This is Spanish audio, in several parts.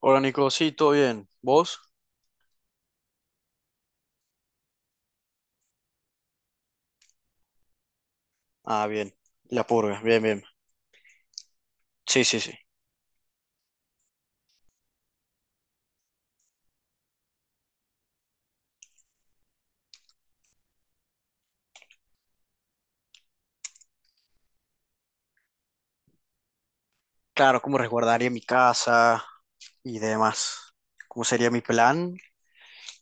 Hola Nico, sí, todo bien. ¿Vos? Ah, bien. La purga, bien, bien. Sí, sí, sí. Claro, cómo resguardaría mi casa y demás. ¿Cómo sería mi plan?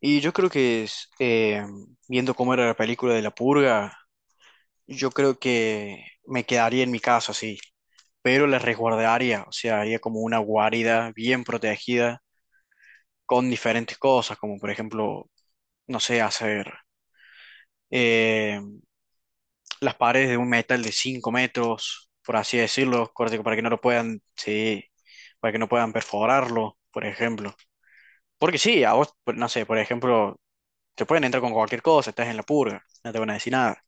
Y yo creo que es, viendo cómo era la película de la purga, yo creo que me quedaría en mi casa, sí. Pero la resguardaría, o sea, haría como una guarida bien protegida con diferentes cosas, como por ejemplo, no sé, hacer eh, las paredes de un metal de 5 metros, por así decirlo, corte, para que no lo puedan, sí, para que no puedan perforarlo, por ejemplo. Porque sí, a vos, no sé, por ejemplo, te pueden entrar con cualquier cosa, estás en la purga, no te van a decir nada.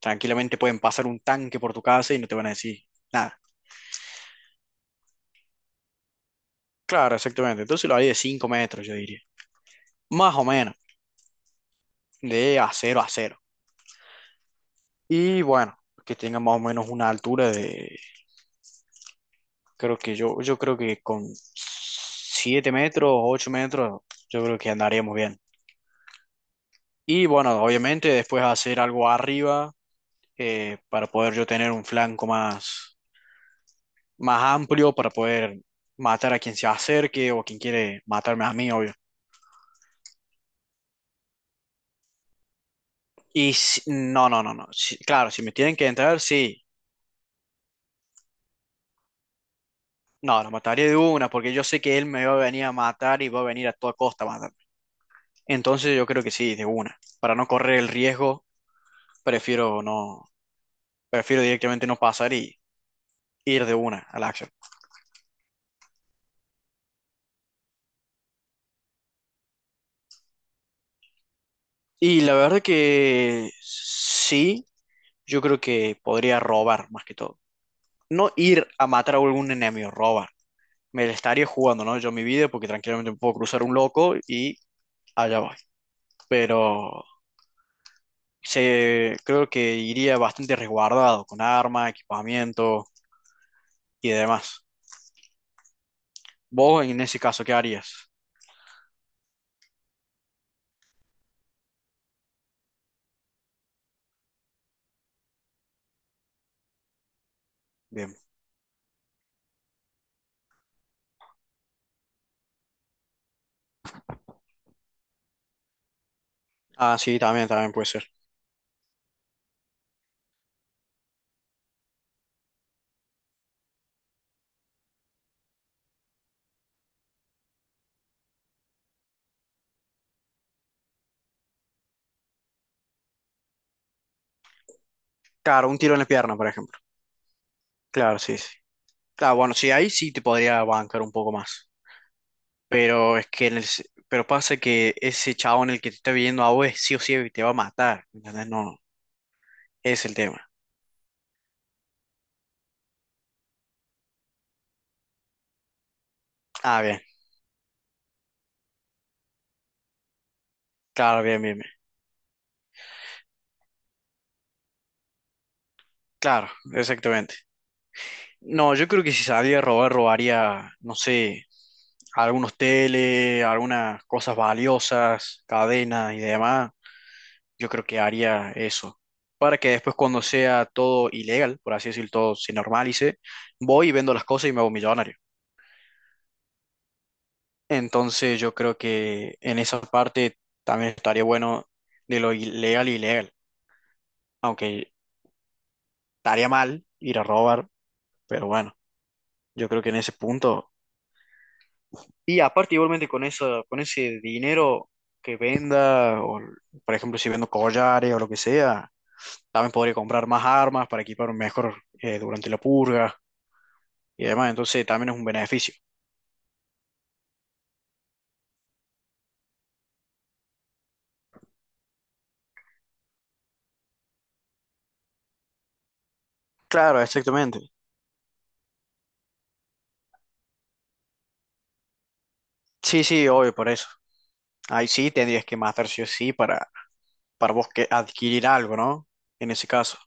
Tranquilamente pueden pasar un tanque por tu casa y no te van a decir nada. Claro, exactamente. Entonces lo haría de 5 metros, yo diría. Más o menos, de acero a cero. Y bueno, que tenga más o menos una altura de... Creo que yo, creo que con 7 metros, 8 metros, yo creo que andaríamos bien. Y bueno, obviamente después hacer algo arriba para poder yo tener un flanco más amplio para poder matar a quien se acerque o quien quiere matarme a mí, obvio. No, no, no, no. Claro, si me tienen que entrar, sí. No, lo mataría de una porque yo sé que él me va a venir a matar y va a venir a toda costa a matar. Entonces yo creo que sí, de una. Para no correr el riesgo, prefiero no, prefiero directamente no pasar y ir de una a la acción. Y la verdad que sí, yo creo que podría robar más que todo. No ir a matar a algún enemigo, robar. Me la estaría jugando, ¿no? Yo mi vida, porque tranquilamente me puedo cruzar un loco y allá voy. Pero creo que iría bastante resguardado con arma, equipamiento y demás. Vos en ese caso, ¿qué harías? Bien. Ah, sí, también, también puede ser. Claro, un tiro en la pierna, por ejemplo. Claro, sí, sí. Claro, bueno, sí, ahí sí te podría bancar un poco más. Pero es que pero pasa que ese chabón el que te está viendo a vos sí o sí te va a matar. ¿Entendés? No, ese es el tema. Ah, bien. Claro, bien, bien, bien. Claro, exactamente. No, yo creo que si salía a robar, robaría, no sé, algunos teles, algunas cosas valiosas, cadenas y demás. Yo creo que haría eso. Para que después cuando sea todo ilegal, por así decirlo, todo se normalice, voy y vendo las cosas y me hago millonario. Entonces yo creo que en esa parte también estaría bueno de lo ilegal y ilegal. Aunque estaría mal ir a robar, pero bueno, yo creo que en ese punto. Y aparte, igualmente con eso, con ese dinero que venda, o por ejemplo, si vendo collares o lo que sea, también podría comprar más armas para equiparme mejor durante la purga y demás. Entonces, también es un beneficio. Claro, exactamente. Sí, sí, obvio, por eso. Ahí sí tendrías que matar sí o sí para vos que adquirir algo, ¿no? En ese caso.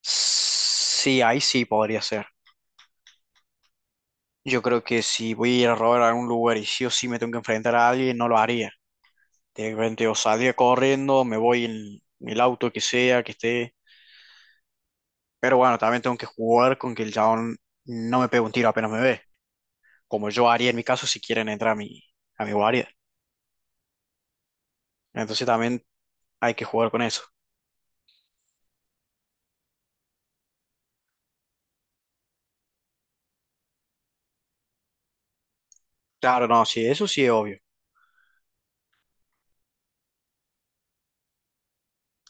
Sí, ahí sí podría ser. Yo creo que si voy a ir a robar a algún lugar y sí o sí me tengo que enfrentar a alguien, no lo haría de repente o salir corriendo, me voy en el auto que sea, que esté. Pero bueno, también tengo que jugar con que el chabón no me pegue un tiro apenas me ve, como yo haría en mi caso si quieren entrar a mi guardia. Entonces también hay que jugar con eso. Claro, no, sí, eso sí es obvio.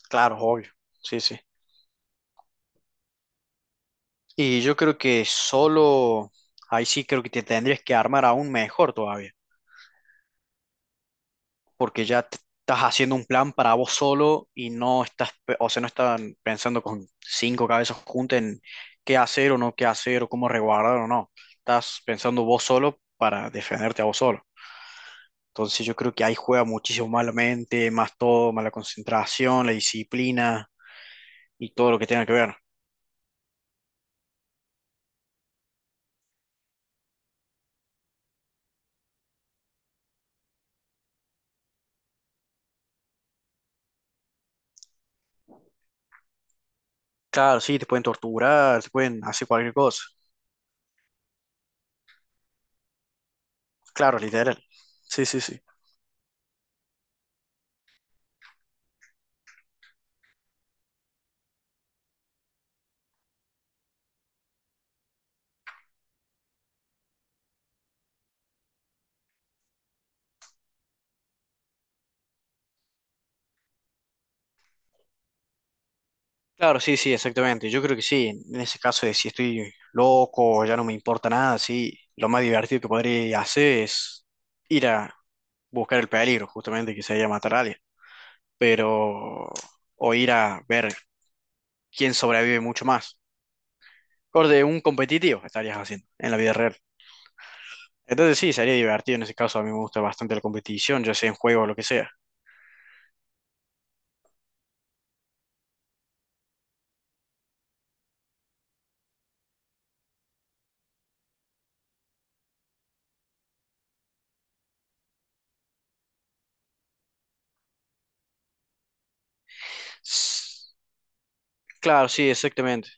Claro, es obvio. Sí, sí. Y yo creo que solo ahí sí creo que te tendrías que armar aún mejor todavía, porque ya te estás haciendo un plan para vos solo y no estás, o sea, no están pensando con 5 cabezas juntas en qué hacer o no qué hacer o cómo resguardar o no. Estás pensando vos solo para defenderte a vos solo. Entonces yo creo que ahí juega muchísimo más la mente, más todo, más la concentración, la disciplina y todo lo que tenga que ver. Claro, sí, te pueden torturar, te pueden hacer cualquier cosa. Claro, literal. Sí, sí, sí. Claro, sí, sí, exactamente. Yo creo que sí. En ese caso de si estoy loco o ya no me importa nada, sí, lo más divertido que podría hacer es ir a buscar el peligro, justamente que se matar a alguien. Pero, o ir a ver quién sobrevive mucho más. De un competitivo estarías haciendo en la vida real. Entonces sí, sería divertido en ese caso. A mí me gusta bastante la competición, ya sea en juego o lo que sea. Claro, sí, exactamente.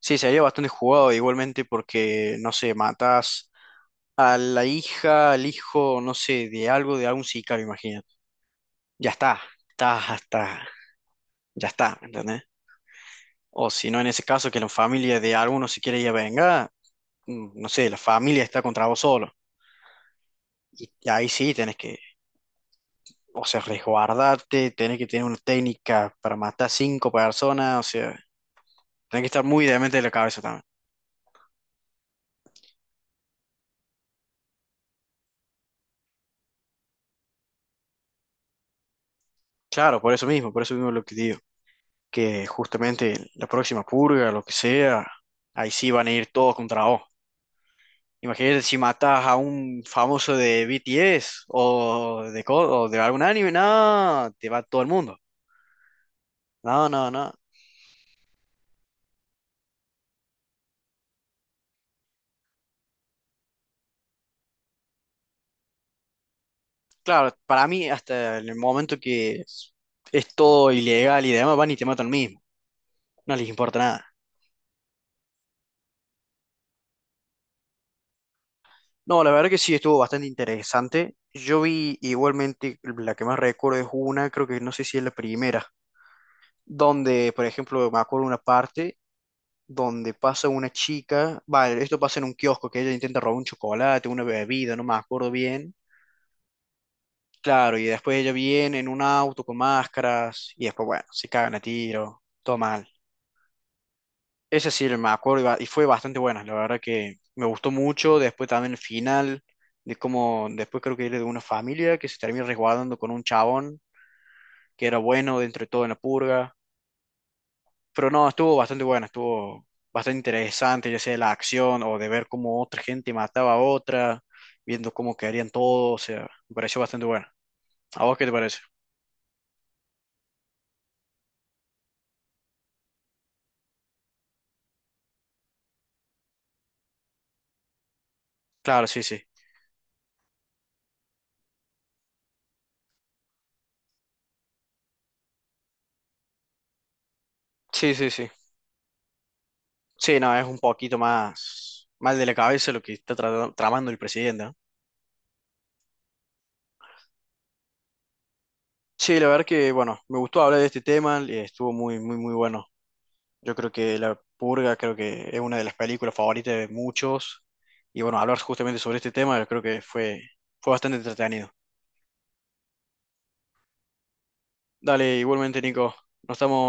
Sí, sería bastante jugado igualmente porque, no sé, matas a la hija, al hijo, no sé, de algo, de algún sicario, imagínate. Ya está, está, hasta, ya está, ¿me ¿entendés? O si no, en ese caso, que la familia de alguno si quiere ir a vengar, no sé, la familia está contra vos solo. Y ahí sí tenés que, o sea, resguardarte, tenés que tener una técnica para matar 5 personas, o sea, tenés que estar muy demente de la cabeza también. Claro, por eso mismo lo que digo, que justamente la próxima purga, lo que sea, ahí sí van a ir todos contra vos. Imagínate si matas a un famoso de BTS o de algún anime, no, te va todo el mundo. No, no, no. Claro, para mí, hasta en el momento que es todo ilegal y demás, van y te matan mismo. No les importa nada. No, la verdad que sí estuvo bastante interesante. Yo vi igualmente, la que más recuerdo es una, creo que no sé si es la primera, donde, por ejemplo, me acuerdo una parte donde pasa una chica, vale, esto pasa en un kiosco, que ella intenta robar un chocolate, una bebida, no me acuerdo bien. Claro, y después ella viene en un auto con máscaras, y después, bueno, se cagan a tiro, todo mal. Ese sí me acuerdo y fue bastante buena, la verdad que me gustó mucho, después también el final, de cómo después creo que era de una familia que se termina resguardando con un chabón que era bueno dentro de todo en la purga. Pero no, estuvo bastante buena, estuvo bastante interesante, ya sea la acción o de ver cómo otra gente mataba a otra, viendo cómo quedarían todos, o sea, me pareció bastante buena. ¿A vos qué te parece? Claro, sí, sí. Sí, sí, sí. Sí, no, es un poquito más mal de la cabeza lo que está tramando el presidente, ¿no? Sí, la verdad que, bueno, me gustó hablar de este tema, y estuvo muy, muy, muy bueno. Yo creo que La Purga, creo que es una de las películas favoritas de muchos, y bueno, hablar justamente sobre este tema, creo que fue bastante entretenido. Dale, igualmente, Nico. Nos estamos.